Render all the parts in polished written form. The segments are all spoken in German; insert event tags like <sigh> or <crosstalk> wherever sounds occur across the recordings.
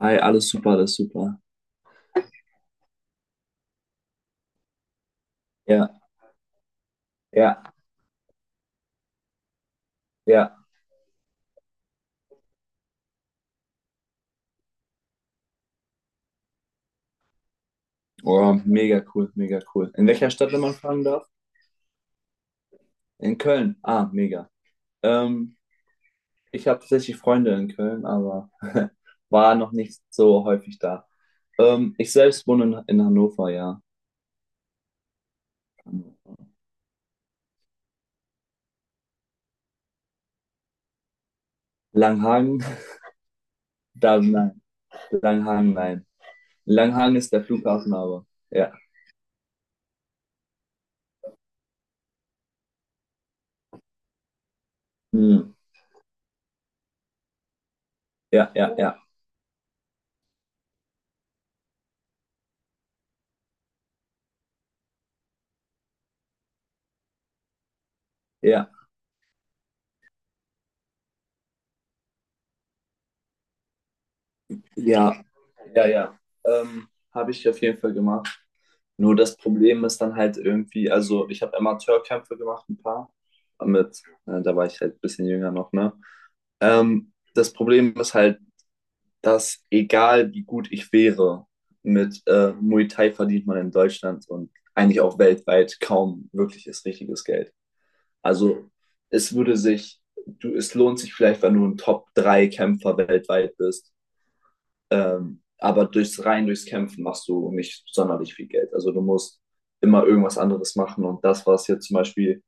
Hi, alles super, alles super. Ja, ja, ja. Oh, mega cool, mega cool. In welcher Stadt, wenn man fragen darf? In Köln. Ah, mega. Ähm, Ich habe tatsächlich Freunde in Köln, aber <laughs> war noch nicht so häufig da. Ich selbst wohne in Hannover, ja. Langhagen? <laughs> Da, nein. Langhagen, nein. Langhagen ist der Flughafen, aber ja. Hm. Ja, ja, ja, ja, ja, ja, ja. Habe ich auf jeden Fall gemacht. Nur das Problem ist dann halt irgendwie, also ich habe Amateurkämpfe gemacht, ein paar. Da war ich halt ein bisschen jünger noch, ne? Das Problem ist halt, dass egal wie gut ich wäre, mit Muay Thai verdient man in Deutschland und eigentlich auch weltweit kaum wirkliches richtiges Geld. Also es würde sich, du, es lohnt sich vielleicht, wenn du ein top drei kämpfer weltweit bist, aber durchs Kämpfen machst du nicht sonderlich viel Geld. Also du musst immer irgendwas anderes machen. Und das, was jetzt zum Beispiel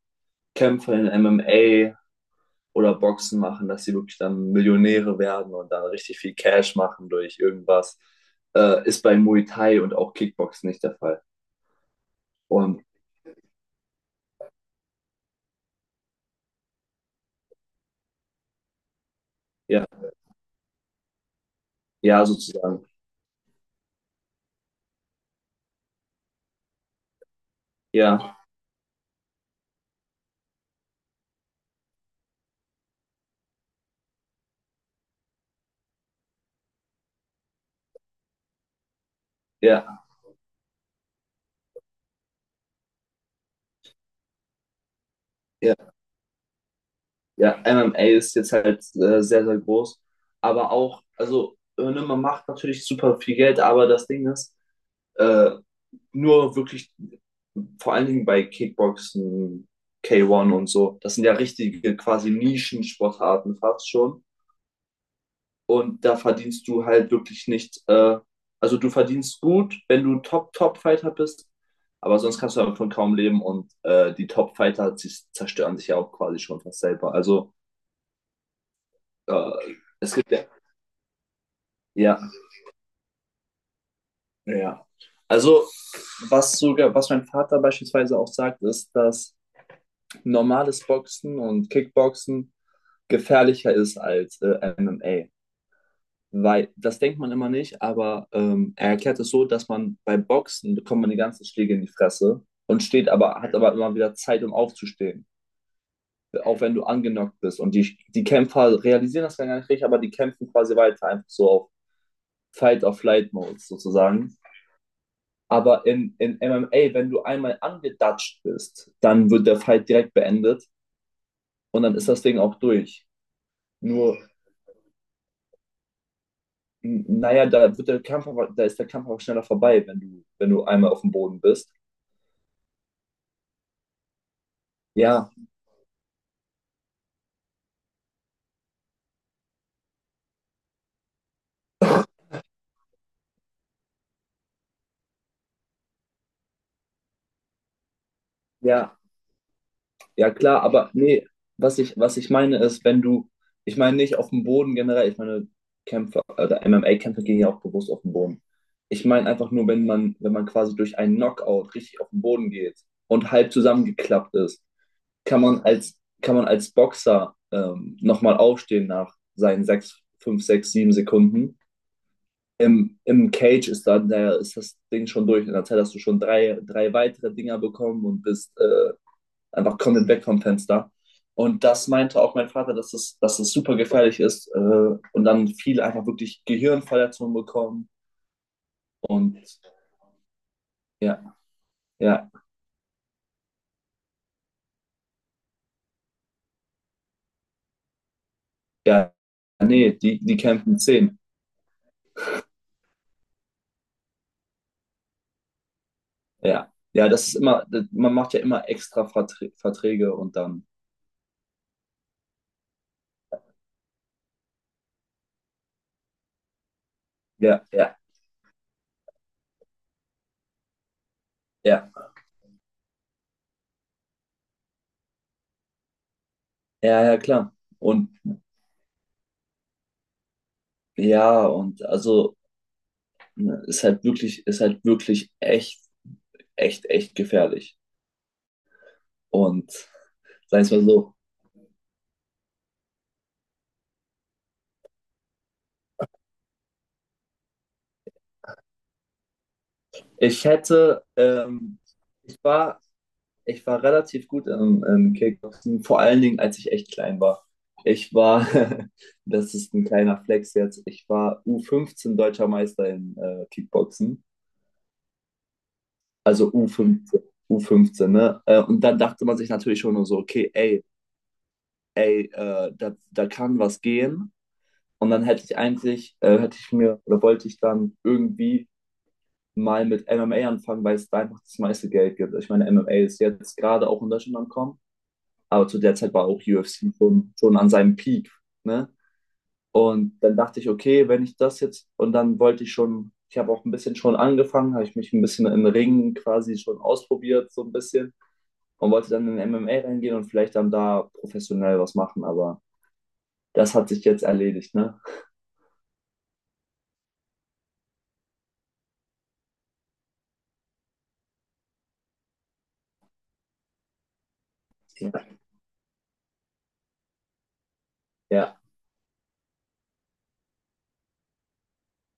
Kämpfer in MMA oder Boxen machen, dass sie wirklich dann Millionäre werden und dann richtig viel Cash machen durch irgendwas, ist bei Muay Thai und auch Kickboxen nicht der Fall. Und ja, ja, sozusagen. Ja, ja, ja, ja. MMA ist jetzt halt sehr, sehr groß. Aber auch, also, ne, man macht natürlich super viel Geld, aber das Ding ist, äh, nur wirklich vor allen Dingen bei Kickboxen, K1 und so. Das sind ja richtige quasi Nischensportarten fast schon. Und da verdienst du halt wirklich nicht, also du verdienst gut, wenn du Top-Top-Fighter bist, aber sonst kannst du davon kaum leben und die Top-Fighter sie zerstören sich ja auch quasi schon fast selber. Also äh, es gibt ja, ja, ja. Also was mein Vater beispielsweise auch sagt, ist, dass normales Boxen und Kickboxen gefährlicher ist als MMA. Weil das denkt man immer nicht, aber er erklärt es so, dass man bei Boxen bekommt man die ganzen Schläge in die Fresse und hat aber immer wieder Zeit, um aufzustehen. Auch wenn du angenockt bist. Und die Kämpfer realisieren das gar nicht richtig, aber die kämpfen quasi weiter, einfach so auf fight or flight mode sozusagen. Aber in MMA, wenn du einmal angedatscht bist, dann wird der Fight direkt beendet und dann ist das Ding auch durch. Nur Naja, da ist der Kampf auch schneller vorbei, wenn du, einmal auf dem Boden bist. Ja, ja, ja, klar, aber nee, was ich meine ist, wenn du, ich meine nicht auf dem Boden generell, ich meine Kämpfer, oder MMA-Kämpfer gehen ja auch bewusst auf den Boden. Ich meine einfach nur, wenn man, quasi durch einen Knockout richtig auf den Boden geht und halb zusammengeklappt ist, kann man als Boxer nochmal aufstehen nach seinen 6, 5, 6, 7 Sekunden im Cage ist das Ding schon durch. In der Zeit hast du schon drei weitere Dinger bekommen und bist einfach komplett weg vom Fenster. Und das meinte auch mein Vater, dass es super gefährlich ist und dann viele einfach wirklich Gehirnverletzungen bekommen. Und ja, ja, ja, nee, die kämpfen 10. Ja, ja, das ist immer, man macht ja immer extra Verträge und dann, ja, ja, ja, ja, ja, klar. Und ja, und also ne, ist halt wirklich, echt, echt, echt gefährlich. Und sagen wir mal so, ich hätte, ähm, ich war, ich war relativ gut im Kickboxen, vor allen Dingen, als ich echt klein war. Ich war, <laughs> Das ist ein kleiner Flex jetzt, ich war U15 deutscher Meister in Kickboxen. Also U15, U15, ne? Und dann dachte man sich natürlich schon nur so, okay, da kann was gehen. Und dann hätte ich mir oder wollte ich dann irgendwie mal mit MMA anfangen, weil es da einfach das meiste Geld gibt. Ich meine, MMA ist jetzt gerade auch in Deutschland angekommen, aber zu der Zeit war auch UFC schon an seinem Peak. Ne? Und dann dachte ich, okay, wenn ich das jetzt, und dann wollte ich schon, ich habe auch ein bisschen schon angefangen, habe ich mich ein bisschen im Ringen quasi schon ausprobiert, so ein bisschen, und wollte dann in MMA reingehen und vielleicht dann da professionell was machen, aber das hat sich jetzt erledigt, ne? Ja, ja.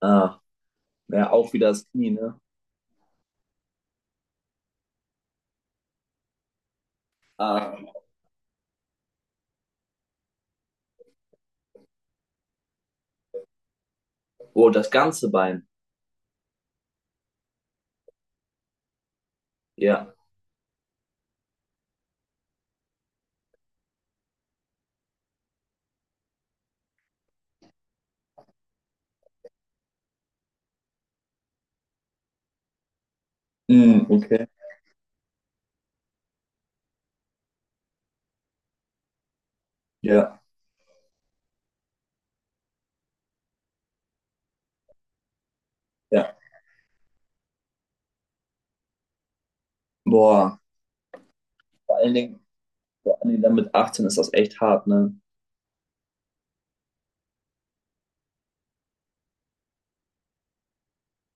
Ah, ja, auch wieder das Knie, ne? Ah, oh, das ganze Bein. Ja. Hm, okay. Ja, ja. Boah. Vor allen Dingen, vor allen Dingen dann mit 18 ist das echt hart, ne?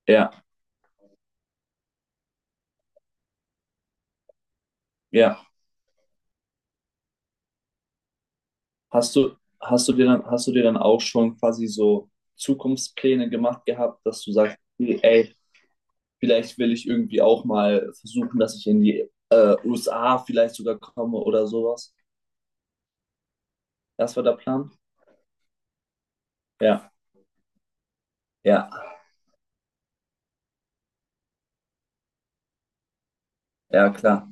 Ja, ja. Hast du dir dann auch schon quasi so Zukunftspläne gemacht gehabt, dass du sagst, okay, ey, vielleicht will ich irgendwie auch mal versuchen, dass ich in die USA vielleicht sogar komme oder sowas. Das war der Plan? Ja, ja, ja, klar.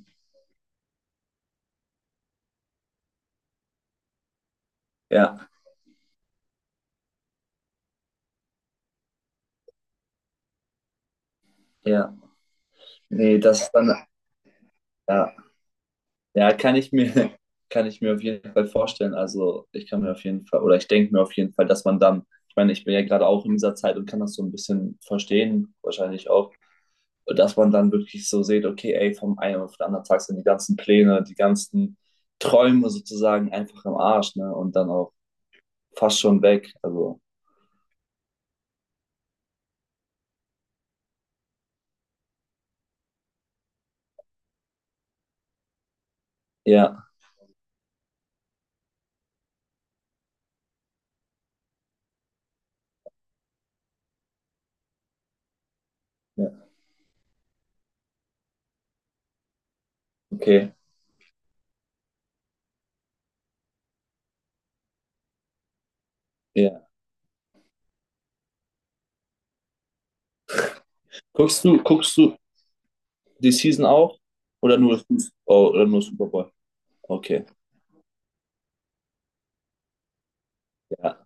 Ja, ja. Nee, das ist dann, ja, ja, kann ich mir, <laughs> kann ich mir auf jeden Fall vorstellen. Also ich kann mir auf jeden Fall, oder ich denke mir auf jeden Fall, dass man dann, ich meine, ich bin ja gerade auch in dieser Zeit und kann das so ein bisschen verstehen, wahrscheinlich auch, dass man dann wirklich so sieht, okay, ey, vom einen auf den anderen Tag sind die ganzen Pläne, die ganzen Träume sozusagen einfach im Arsch, ne? Und dann auch fast schon weg. Also, ja, ja, okay. Ja. Guckst du die Season auch? Oder nur, oh, oder nur Super Bowl? Okay. Ja,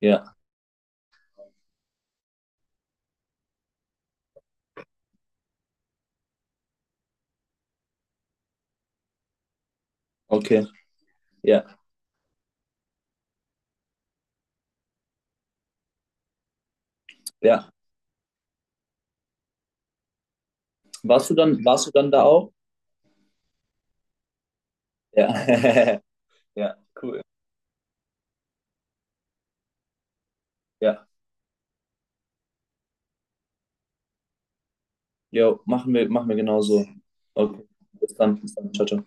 ja, okay. Ja, ja. Warst du dann da auch? Ja. <laughs> Ja, cool. Ja. Jo, machen wir genauso. Okay. Bis dann, bis dann. Ciao, ciao.